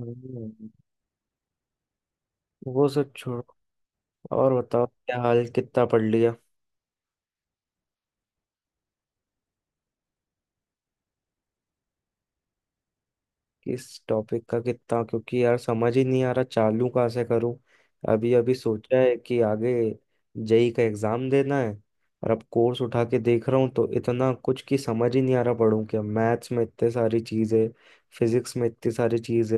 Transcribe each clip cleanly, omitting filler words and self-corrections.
हम्म, वो सब छोड़ो। और बताओ क्या हाल, कितना पढ़ लिया? किस टॉपिक का कितना, क्योंकि यार समझ ही नहीं आ रहा चालू कहाँ से करूं। अभी अभी सोचा है कि आगे जेई का एग्जाम देना है। और अब कोर्स उठा के देख रहा हूँ तो इतना कुछ की समझ ही नहीं आ रहा पढ़ूं क्या। मैथ्स में इतने सारी चीजें, फिजिक्स में इतनी सारी चीजें,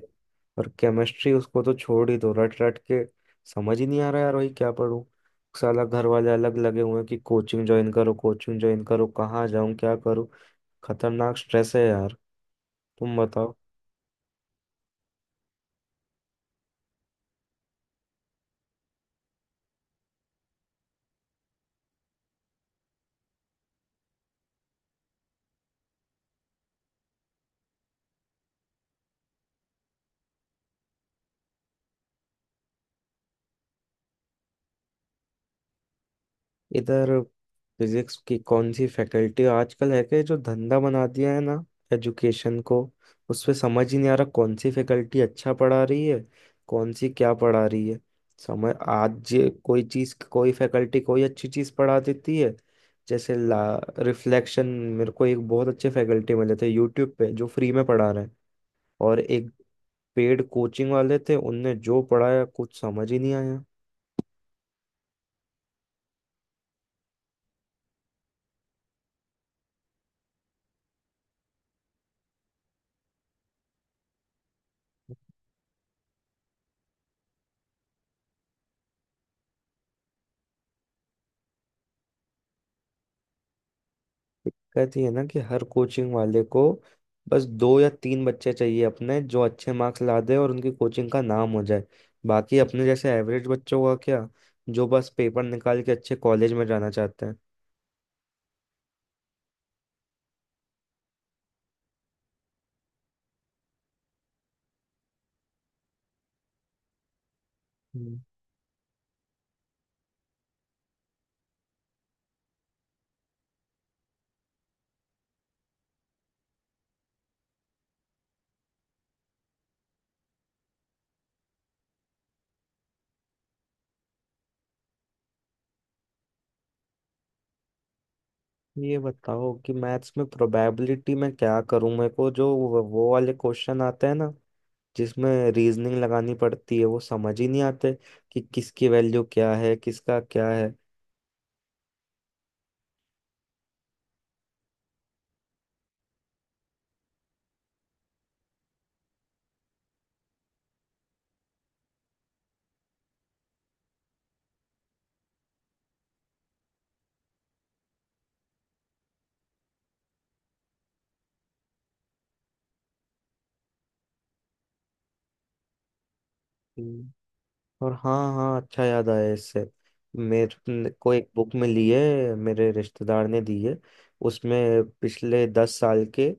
और केमिस्ट्री उसको तो छोड़ ही दो, रट रट के। समझ ही नहीं आ रहा यार वही क्या पढ़ूं। साला घर वाले अलग लगे हुए हैं कि कोचिंग ज्वाइन करो कोचिंग ज्वाइन करो। कहाँ जाऊं क्या करूं। खतरनाक स्ट्रेस है यार। तुम बताओ। इधर फिजिक्स की कौन सी फैकल्टी आजकल है कि जो धंधा बना दिया है ना एजुकेशन को, उस पे समझ ही नहीं आ रहा कौन सी फैकल्टी अच्छा पढ़ा रही है, कौन सी क्या पढ़ा रही है। समझ आज ये कोई चीज कोई फैकल्टी कोई अच्छी चीज पढ़ा देती है जैसे ला रिफ्लेक्शन। मेरे को एक बहुत अच्छे फैकल्टी मिले थे यूट्यूब पे, जो फ्री में पढ़ा रहे हैं। और एक पेड कोचिंग वाले थे, उनने जो पढ़ाया कुछ समझ ही नहीं आया। दिक्कत ये है ना कि हर कोचिंग वाले को बस दो या तीन बच्चे चाहिए अपने, जो अच्छे मार्क्स ला दे और उनकी कोचिंग का नाम हो जाए। बाकी अपने जैसे एवरेज बच्चों का क्या, जो बस पेपर निकाल के अच्छे कॉलेज में जाना चाहते हैं। हम्म, ये बताओ कि मैथ्स में प्रोबेबिलिटी में क्या करूं। मेरे को जो वो वाले क्वेश्चन आते हैं ना, जिसमें रीजनिंग लगानी पड़ती है वो समझ ही नहीं आते कि किसकी वैल्यू क्या है, किसका क्या है। और हाँ हाँ अच्छा याद आया इससे, मेरे को एक बुक मिली है, मेरे रिश्तेदार ने दी है। उसमें पिछले 10 साल के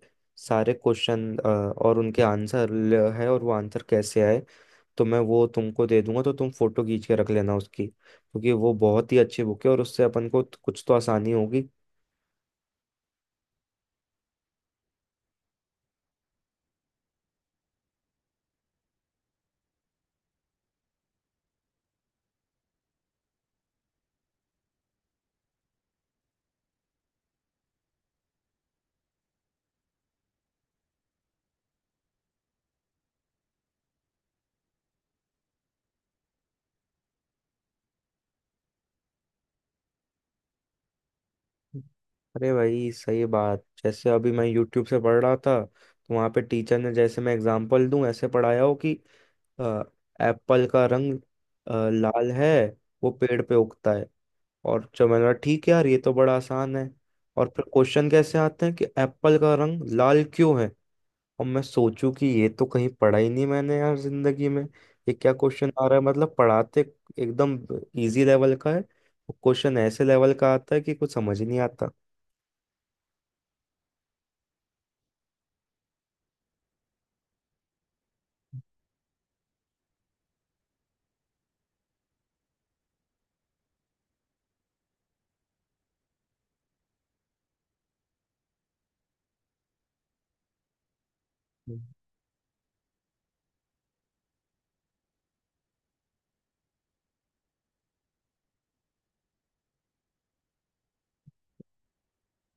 सारे क्वेश्चन और उनके आंसर है, और वो आंसर कैसे आए। तो मैं वो तुमको दे दूंगा तो तुम फोटो खींच के रख लेना उसकी, क्योंकि वो बहुत ही अच्छी बुक है और उससे अपन को कुछ तो आसानी होगी। अरे भाई सही बात, जैसे अभी मैं YouTube से पढ़ रहा था तो वहाँ पे टीचर ने, जैसे मैं एग्जांपल दूं, ऐसे पढ़ाया हो कि एप्पल का रंग लाल है, वो पेड़ पे उगता है। और जो मैंने कहा ठीक है यार ये तो बड़ा आसान है। और फिर क्वेश्चन कैसे आते हैं कि एप्पल का रंग लाल क्यों है? और मैं सोचूं कि ये तो कहीं पढ़ा ही नहीं मैंने यार जिंदगी में। ये क्या क्वेश्चन आ रहा है, मतलब पढ़ाते एकदम इजी लेवल का है, क्वेश्चन ऐसे लेवल का आता है कि कुछ समझ ही नहीं आता।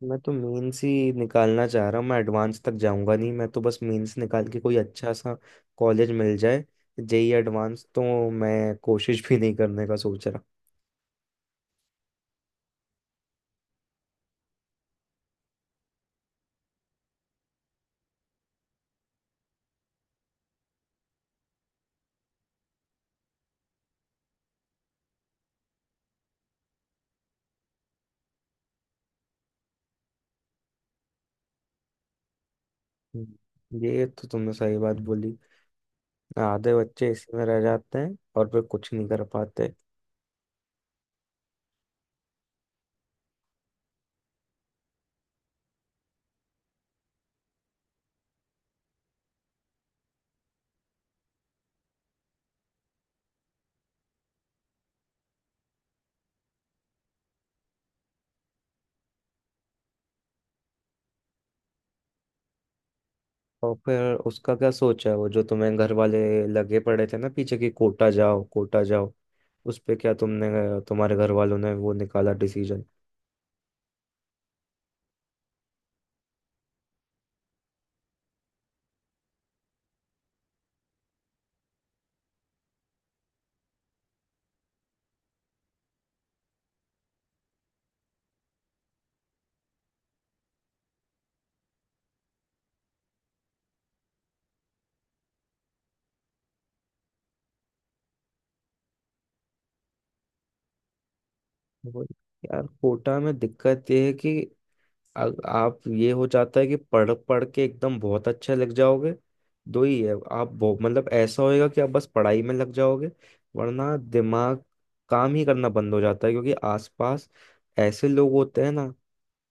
मैं तो मेंस ही निकालना चाह रहा हूँ। मैं एडवांस तक जाऊंगा नहीं, मैं तो बस मेंस निकाल के कोई अच्छा सा कॉलेज मिल जाए। जेई एडवांस तो मैं कोशिश भी नहीं करने का सोच रहा। ये तो तुमने सही बात बोली। आधे बच्चे इसी में रह जाते हैं और फिर कुछ नहीं कर पाते। और फिर उसका क्या सोचा है वो, जो तुम्हें घर वाले लगे पड़े थे ना पीछे कि कोटा जाओ कोटा जाओ, उस पे क्या तुमने, तुम्हारे घर वालों ने वो निकाला डिसीजन? वही यार कोटा में दिक्कत ये है कि आप ये हो जाता है कि पढ़ पढ़ के एकदम बहुत अच्छे लग जाओगे। दो ही है आप मतलब ऐसा होएगा कि आप बस पढ़ाई में लग जाओगे, वरना दिमाग काम ही करना बंद हो जाता है, क्योंकि आसपास ऐसे लोग होते हैं ना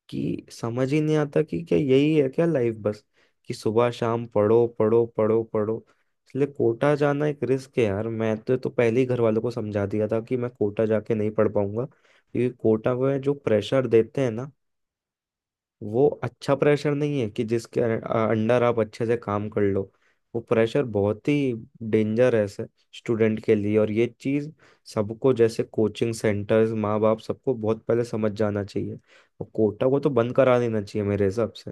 कि समझ ही नहीं आता कि क्या यही है क्या लाइफ, बस कि सुबह शाम पढ़ो पढ़ो पढ़ो पढ़ो। इसलिए कोटा जाना एक रिस्क है यार, मैं तो पहले ही घर वालों को समझा दिया था कि मैं कोटा जाके नहीं पढ़ पाऊंगा, क्योंकि कोटा में जो प्रेशर देते हैं ना, वो अच्छा प्रेशर नहीं है कि जिसके अंडर आप अच्छे से काम कर लो। वो प्रेशर बहुत ही डेंजरस है स्टूडेंट के लिए, और ये चीज़ सबको, जैसे कोचिंग सेंटर्स, माँ बाप, सबको बहुत पहले समझ जाना चाहिए। और कोटा को तो बंद करा देना चाहिए मेरे हिसाब से।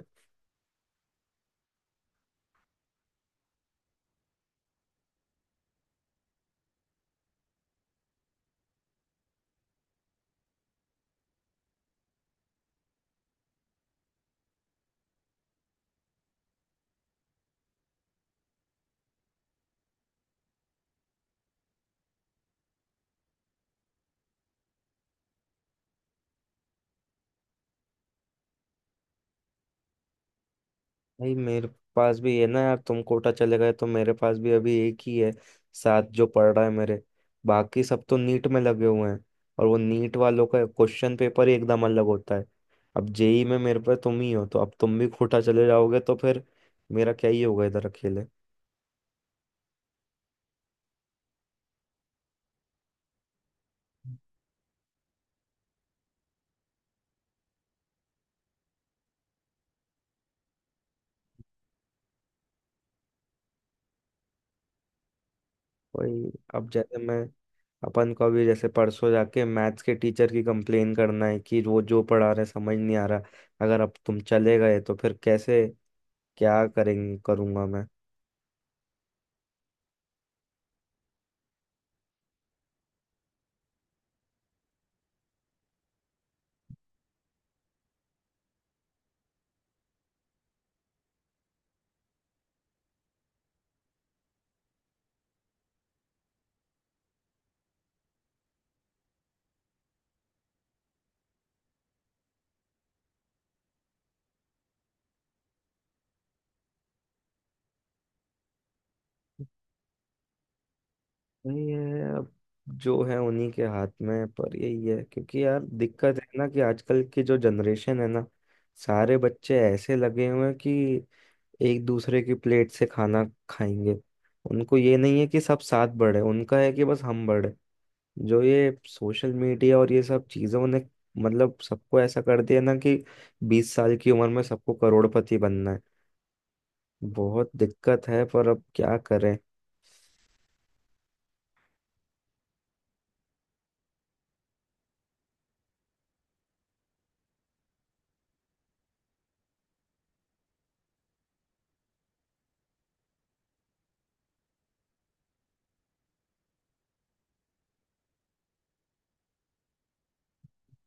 भाई मेरे पास भी है ना यार, तुम कोटा चले गए तो मेरे पास भी अभी एक ही है साथ जो पढ़ रहा है मेरे, बाकी सब तो नीट में लगे हुए हैं। और वो नीट वालों का क्वेश्चन पेपर ही एकदम अलग होता है। अब जेई में मेरे पे तुम ही हो, तो अब तुम भी कोटा चले जाओगे तो फिर मेरा क्या ही होगा इधर अकेले। वही अब जैसे मैं अपन को अभी जैसे परसों जाके मैथ्स के टीचर की कंप्लेन करना है कि वो जो पढ़ा रहे समझ नहीं आ रहा, अगर अब तुम चले गए तो फिर कैसे क्या करेंगे करूंगा मैं। नहीं है अब, जो है उन्हीं के हाथ में है, पर यही है क्योंकि यार दिक्कत है ना कि आजकल की जो जनरेशन है ना, सारे बच्चे ऐसे लगे हुए हैं कि एक दूसरे की प्लेट से खाना खाएंगे। उनको ये नहीं है कि सब साथ बढ़े, उनका है कि बस हम बढ़े। जो ये सोशल मीडिया और ये सब चीज़ों ने मतलब सबको ऐसा कर दिया ना कि 20 साल की उम्र में सबको करोड़पति बनना है। बहुत दिक्कत है पर अब क्या करें।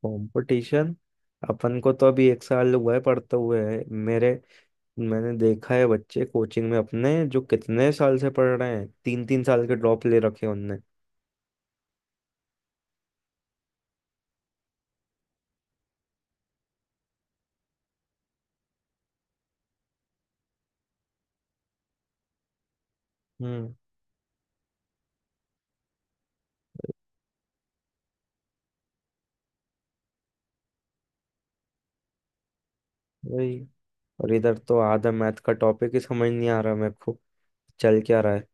कंपटीशन अपन को तो, अभी एक साल हुआ है पढ़ते हुए है मेरे। मैंने देखा है बच्चे कोचिंग में अपने जो कितने साल से पढ़ रहे हैं, तीन तीन साल के ड्रॉप ले रखे हैं उनने। हम्म वही, और इधर तो आधा मैथ का टॉपिक ही समझ नहीं आ रहा मेरे को चल क्या रहा है।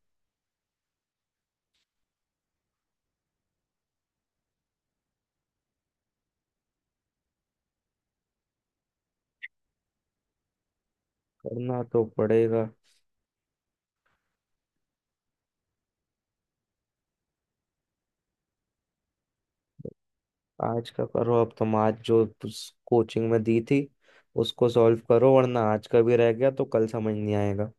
करना तो पड़ेगा। आज का करो, अब तुम आज जो कोचिंग में दी थी उसको सॉल्व करो, वरना आज का भी रह गया तो कल समझ नहीं आएगा।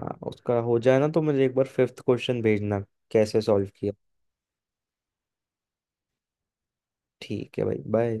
हाँ उसका हो जाए ना तो मुझे एक बार फिफ्थ क्वेश्चन भेजना कैसे सॉल्व किया। ठीक है भाई बाय।